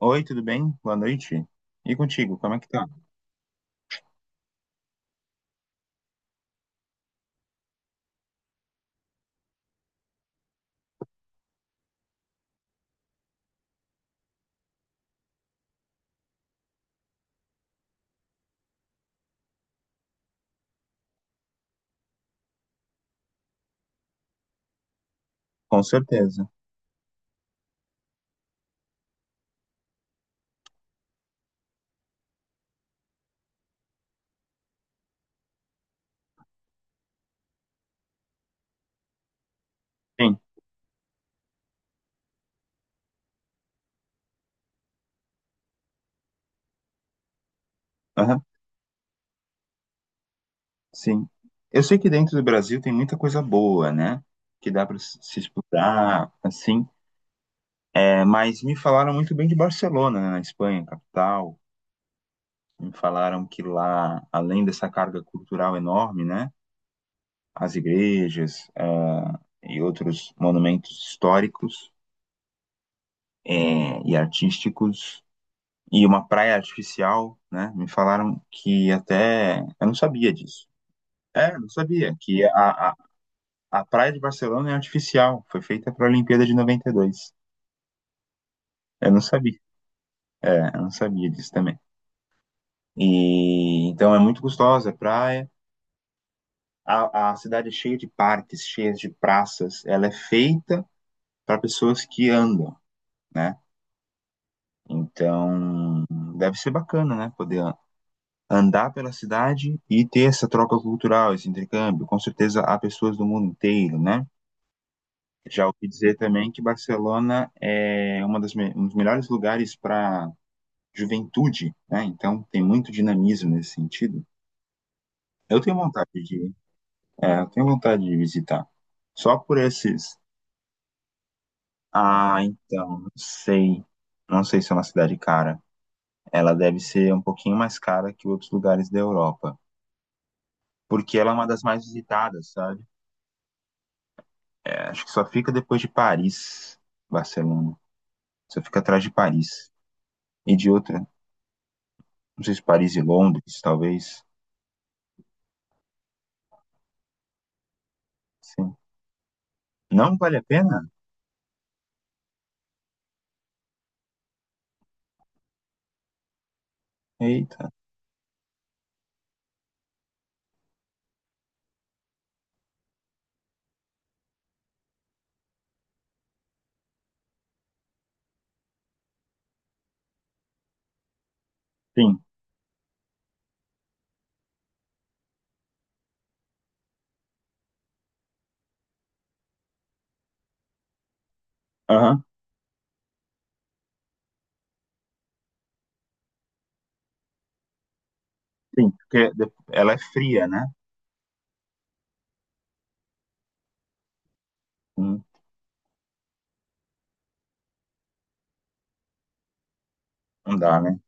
Oi, tudo bem? Boa noite. E contigo, como é que tá? Com certeza. Sim. Aham, sim. Eu sei que dentro do Brasil tem muita coisa boa, né? Que dá para se explorar, assim. É, mas me falaram muito bem de Barcelona, né, na Espanha, capital. Me falaram que lá, além dessa carga cultural enorme, né? As igrejas e outros monumentos históricos e artísticos e uma praia artificial, né? Me falaram que até eu não sabia disso. É, não sabia que a praia de Barcelona é artificial, foi feita para a Olimpíada de 92. Eu não sabia. É, eu não sabia disso também. E então é muito gostosa a praia. A cidade é cheia de parques, cheia de praças. Ela é feita para pessoas que andam, né? Então, deve ser bacana, né? Poder andar pela cidade e ter essa troca cultural, esse intercâmbio. Com certeza há pessoas do mundo inteiro, né? Já ouvi dizer também que Barcelona é um dos melhores lugares para juventude, né? Então, tem muito dinamismo nesse sentido. Eu tenho vontade de, eu tenho vontade de visitar. Só por esses. Ah, então, não sei. Não sei se é uma cidade cara. Ela deve ser um pouquinho mais cara que outros lugares da Europa, porque ela é uma das mais visitadas, sabe? É, acho que só fica depois de Paris, Barcelona. Só fica atrás de Paris. E de outra, não sei se Paris e Londres, talvez. Sim. Não vale a pena? Eita. Sim. Aham. Sim, porque ela é fria, né? Hum. Não dá, né?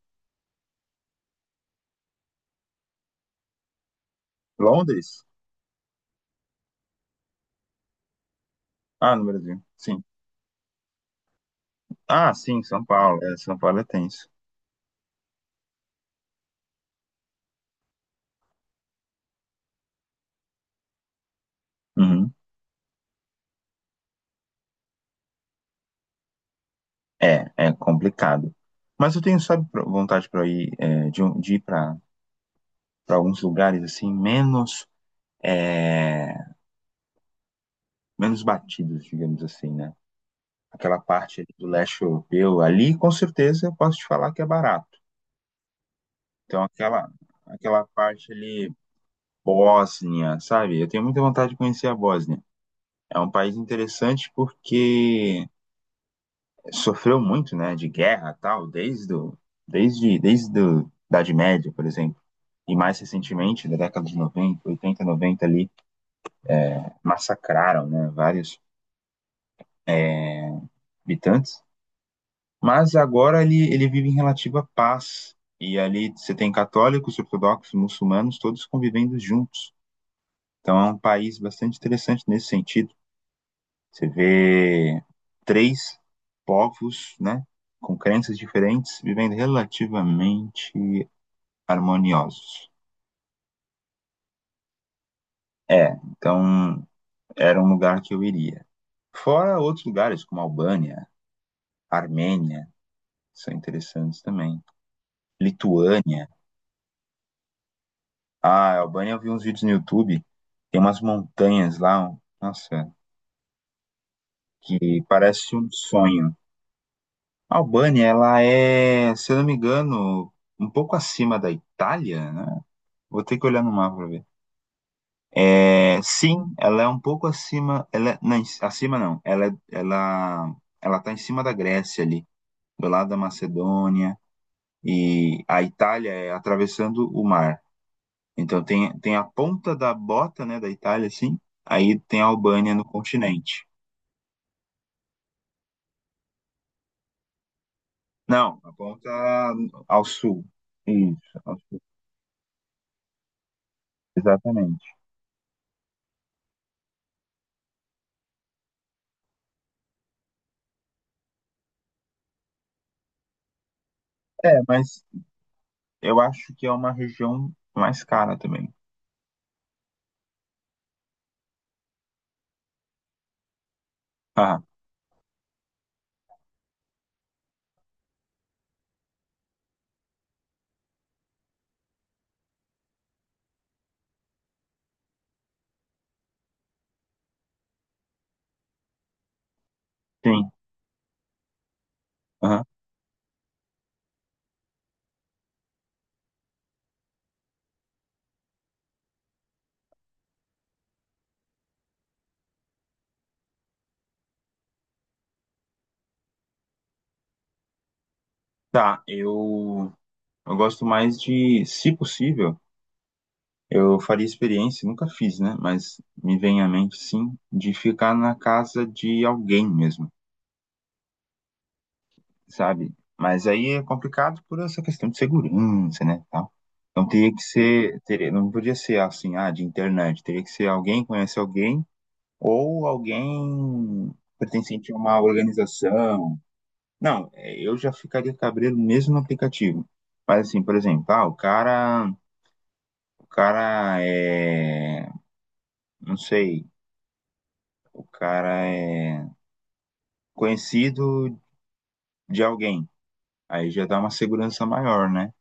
Londres? Ah, no Brasil. Sim. Ah, sim, São Paulo. É, São Paulo é tenso. Uhum. É, é complicado. Mas eu tenho, sabe, vontade para ir, de ir para alguns lugares assim, é, menos batidos, digamos assim, né? Aquela parte ali do leste europeu, ali com certeza eu posso te falar que é barato. Então aquela parte ali Bósnia, sabe? Eu tenho muita vontade de conhecer a Bósnia. É um país interessante porque sofreu muito, né, de guerra, e tal, desde o, desde desde do, da Idade Média, por exemplo. E mais recentemente, da década de 90 80 90 ali, massacraram, né, vários habitantes. Mas agora ele vive em relativa paz. E ali você tem católicos, ortodoxos, muçulmanos, todos convivendo juntos. Então é um país bastante interessante nesse sentido. Você vê três povos, né, com crenças diferentes, vivendo relativamente harmoniosos. É, então era um lugar que eu iria. Fora outros lugares como Albânia, Armênia, são interessantes também. Lituânia. Ah, Albânia, eu vi uns vídeos no YouTube. Tem umas montanhas lá, nossa, que parece um sonho. A Albânia, ela é, se eu não me engano, um pouco acima da Itália, né? Vou ter que olhar no mapa pra ver. É, sim, ela é um pouco acima, não, acima não. Ela é- ela ela tá em cima da Grécia ali, do lado da Macedônia e a Itália é atravessando o mar. Então tem a ponta da bota, né, da Itália, assim, aí tem a Albânia no continente. Não, a ponta ao sul. Isso, ao sul, exatamente. É, mas eu acho que é uma região mais cara também. Ah, sim. Aham. Tá, eu gosto mais de, se possível, eu faria experiência, nunca fiz, né? Mas me vem à mente, sim, de ficar na casa de alguém mesmo. Sabe? Mas aí é complicado por essa questão de segurança, né, tal. Então teria que ser, teria, não podia ser assim, de internet, teria que ser alguém que conhece alguém ou alguém pertencente a uma organização. Não, é, eu já ficaria cabreiro mesmo no aplicativo. Mas assim, por exemplo, ah, o cara é, não sei, o cara é conhecido de alguém. Aí já dá uma segurança maior, né?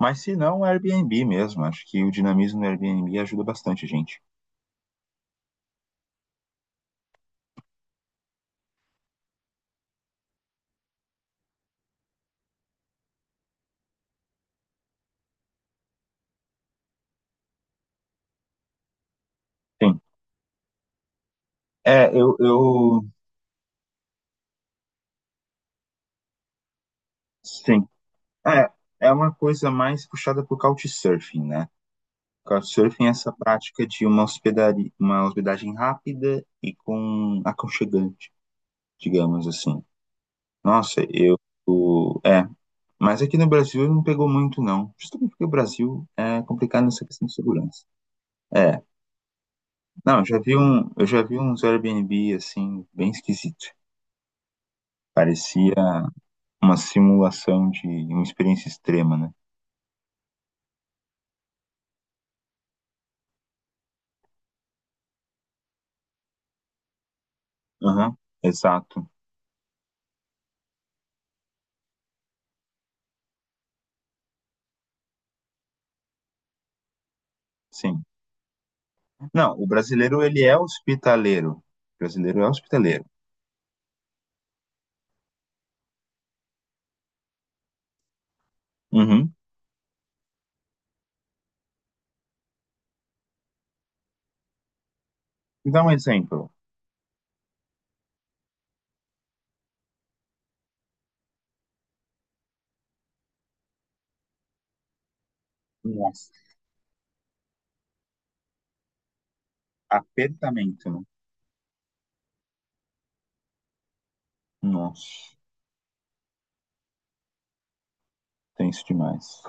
Mas se não, Airbnb mesmo. Acho que o dinamismo do Airbnb ajuda bastante a gente. Sim. É, sim. É, é uma coisa mais puxada por Couchsurfing, né? Couchsurfing é essa prática de uma hospedaria, uma hospedagem rápida e com aconchegante, digamos assim. Nossa, o é, mas aqui no Brasil não pegou muito não. Justamente porque o Brasil é complicado nessa questão de segurança. É, não, eu já vi uns Airbnb assim bem esquisito. Parecia uma simulação de uma experiência extrema, né? Aham, exato. Sim. Não, o brasileiro, ele é hospitaleiro. O brasileiro é hospitaleiro. Uhum. Me dá um exemplo. Nossa, apertamento, né? Nossa, tenso demais.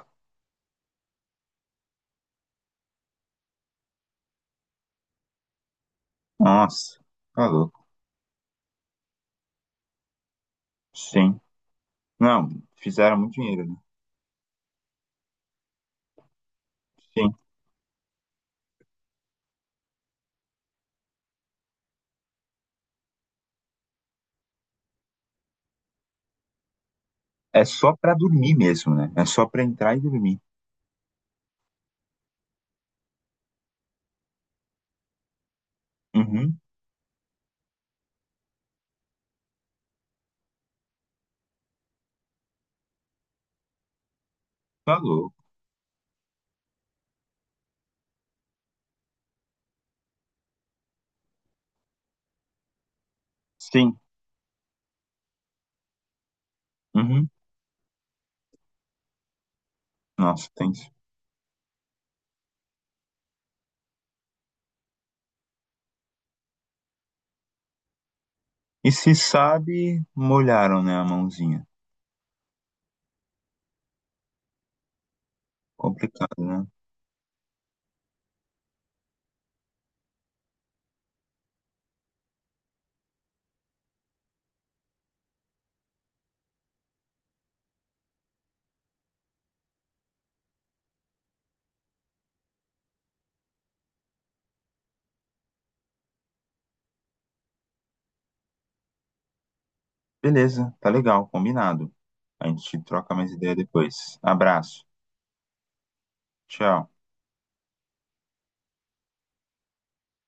Nossa, tá louco. Sim. Não, fizeram muito dinheiro, né? Sim. É só pra dormir mesmo, né? É só pra entrar e dormir. Uhum, tá louco. Sim. Uhum. Nossa, tem. E se sabe, molharam, né, a mãozinha. Complicado, né? Beleza, tá legal, combinado. A gente troca mais ideia depois. Abraço. Tchau.